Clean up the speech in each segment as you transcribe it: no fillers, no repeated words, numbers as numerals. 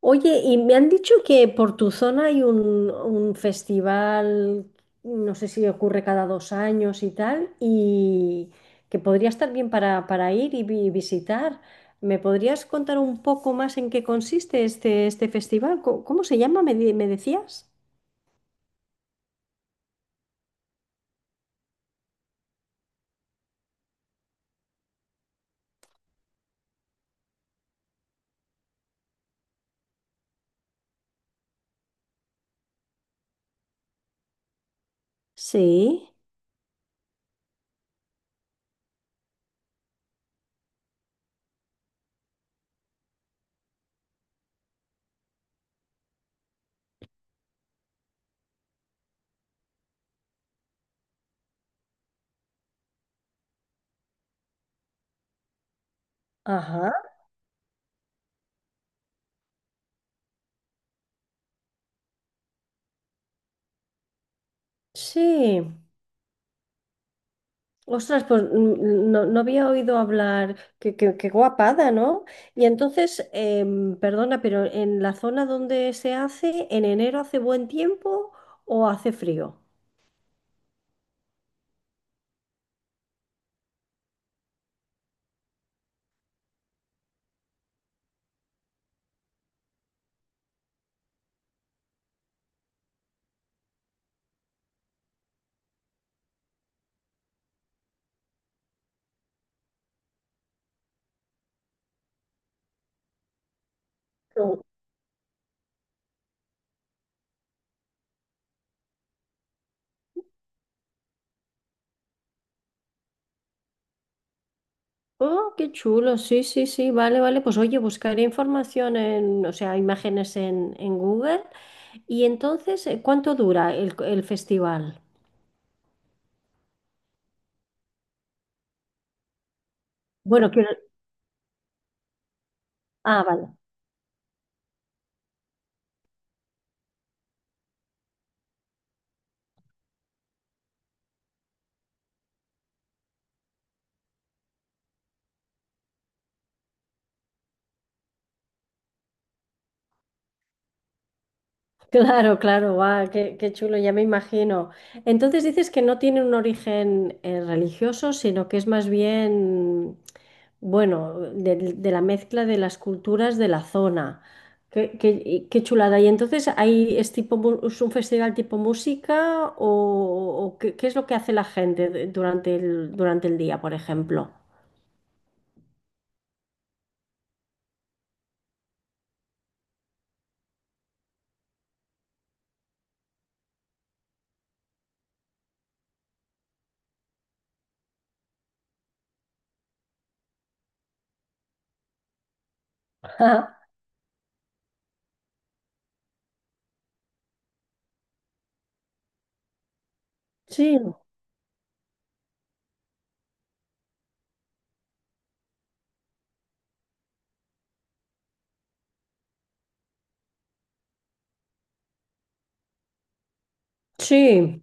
Oye, y me han dicho que por tu zona hay un festival, no sé si ocurre cada 2 años y tal, y que podría estar bien para, ir y visitar. ¿Me podrías contar un poco más en qué consiste este festival? ¿Cómo se llama? ¿Me decías? Sí. Ajá. Sí. Ostras, pues no, no había oído hablar, qué guapada, ¿no? Y entonces, perdona, pero ¿en la zona donde se hace en enero hace buen tiempo o hace frío? No. Oh, qué chulo, sí, sí, sí, vale, vale. Pues oye, buscaré información en, o sea, imágenes en Google. Y entonces, ¿cuánto dura el festival? Bueno, quiero. Ah, vale. Claro, claro, guau, qué chulo, ya me imagino. Entonces dices que no tiene un origen religioso, sino que es más bien, bueno, de la mezcla de las culturas de la zona. Y qué chulada. ¿Y entonces ahí es tipo es un festival tipo música o, qué, es lo que hace la gente durante el día, por ejemplo? Sí, sí.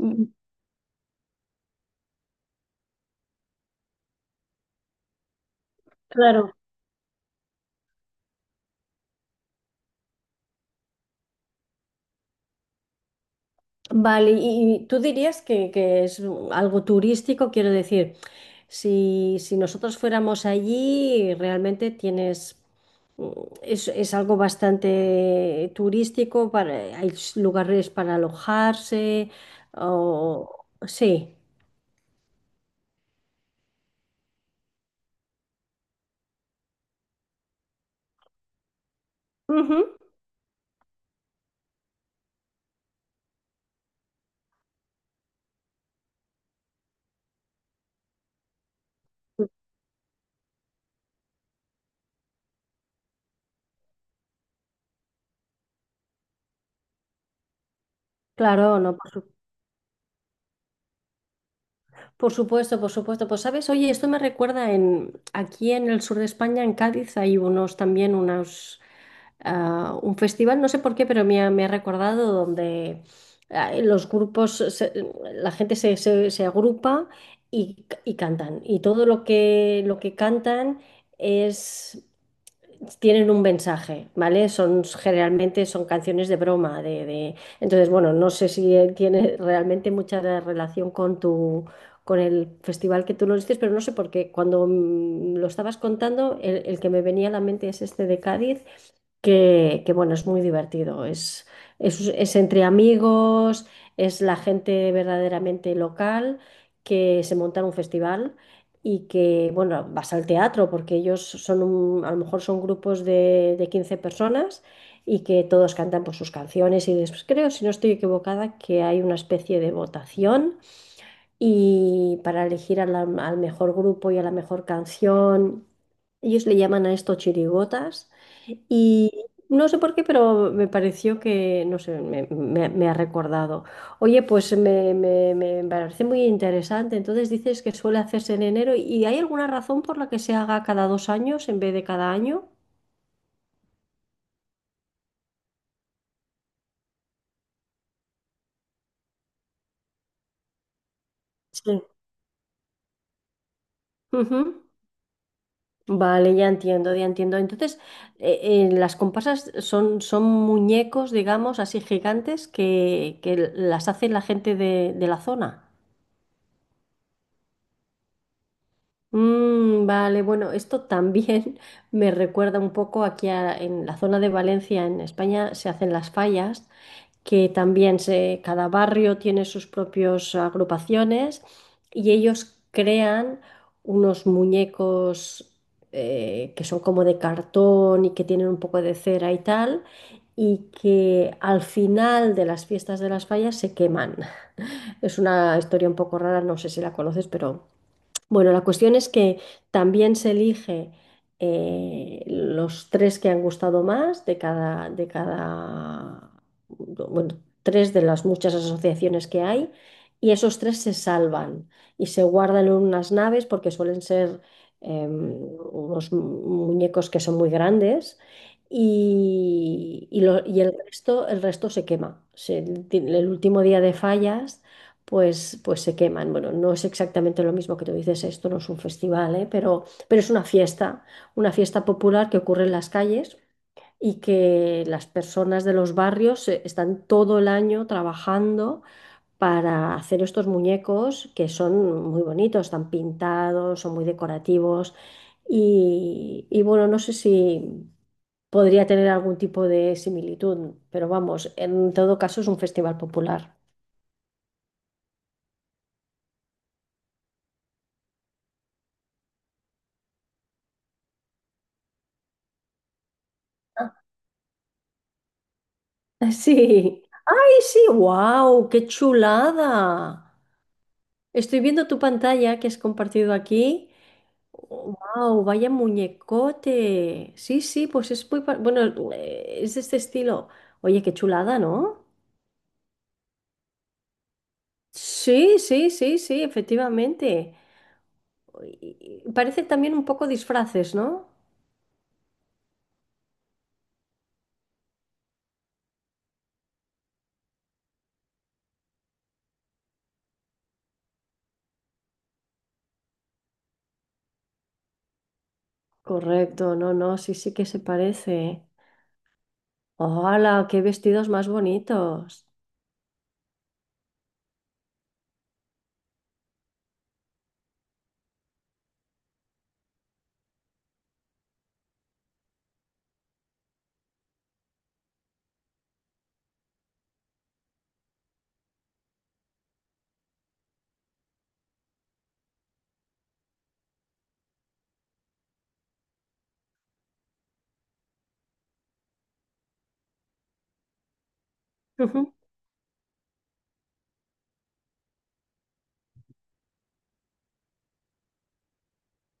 Mm, claro. Vale, y tú dirías que es algo turístico, quiero decir, si nosotros fuéramos allí, realmente tienes, es algo bastante turístico, hay lugares para alojarse, o sí. Ujú. Claro, no, Por supuesto, por supuesto. Pues sabes, oye, esto me recuerda en aquí en el sur de España, en Cádiz, hay unos también unos un festival, no sé por qué, pero me ha recordado donde los grupos, la gente se agrupa y cantan. Y todo lo que cantan es tienen un mensaje, ¿vale? Son generalmente son canciones de broma, Entonces, bueno, no sé si tiene realmente mucha relación con tu con el festival que tú lo dices, pero no sé por qué. Cuando lo estabas contando, el que me venía a la mente es este de Cádiz que, bueno, es muy divertido. Es entre amigos, es la gente verdaderamente local que se monta en un festival y que, bueno, vas al teatro porque ellos son a lo mejor son grupos de 15 personas y que todos cantan por sus canciones y después creo, si no estoy equivocada, que hay una especie de votación y para elegir a al mejor grupo y a la mejor canción. Ellos le llaman a esto chirigotas y no sé por qué, pero me pareció que, no sé, me ha recordado. Oye, pues me parece muy interesante. Entonces dices que suele hacerse en enero y ¿hay alguna razón por la que se haga cada 2 años en vez de cada año? Sí. Ujú. Vale, ya entiendo, ya entiendo. Entonces, las comparsas son muñecos, digamos, así gigantes que las hace la gente de la zona. Mm, vale, bueno, esto también me recuerda un poco aquí en la zona de Valencia, en España, se hacen las fallas que también cada barrio tiene sus propias agrupaciones y ellos crean unos muñecos que son como de cartón y que tienen un poco de cera y tal. Y que al final de las fiestas de las fallas se queman. Es una historia un poco rara, no sé si la conoces, pero bueno, la cuestión es que también se elige los tres que han gustado más bueno, tres de las muchas asociaciones que hay, y esos tres se salvan y se guardan en unas naves porque suelen ser unos muñecos que son muy grandes. Y el resto se quema. El último día de fallas pues se queman. Bueno, no es exactamente lo mismo que tú dices, esto no es un festival, ¿eh? Pero es una fiesta popular que ocurre en las calles y que las personas de los barrios están todo el año trabajando para hacer estos muñecos que son muy bonitos, están pintados, son muy decorativos y bueno, no sé si. Podría tener algún tipo de similitud, pero vamos, en todo caso es un festival popular. Sí. ¡Ay, sí! ¡Wow! ¡Qué chulada! Estoy viendo tu pantalla que has compartido aquí. ¡Wow! ¡Vaya muñecote! Sí, sí, pues es muy, bueno, es de este estilo. Oye, qué chulada, ¿no? Sí, sí, sí, sí, efectivamente. Y parece también un poco disfraces, ¿no? Correcto, no, no, sí, sí que se parece. ¡Hola! ¡Qué vestidos más bonitos!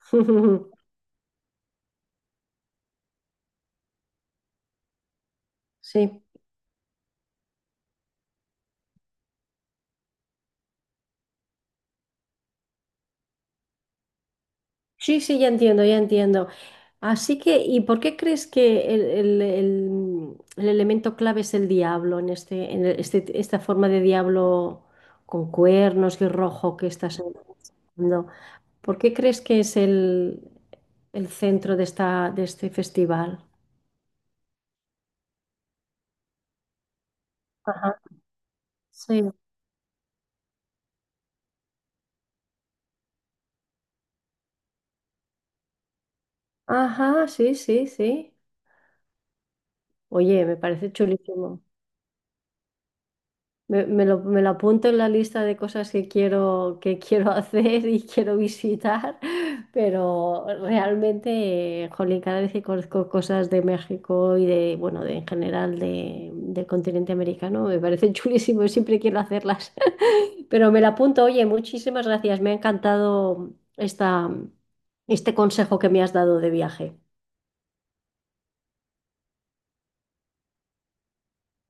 Sí. Sí, sí, ya entiendo, ya entiendo. Así que, ¿y por qué crees que el elemento clave es el diablo en esta forma de diablo con cuernos y rojo que estás hablando? ¿Por qué crees que es el centro de de este festival? Ajá. Sí. Ajá, sí, sí, sí. Oye, me parece chulísimo. Me lo apunto en la lista de cosas que quiero, hacer y quiero visitar, pero realmente, jolín, cada vez que conozco cosas de México y de, bueno, en general del continente americano, me parece chulísimo, y siempre quiero hacerlas. Pero me lo apunto, oye, muchísimas gracias, me ha encantado esta, este consejo que me has dado de viaje.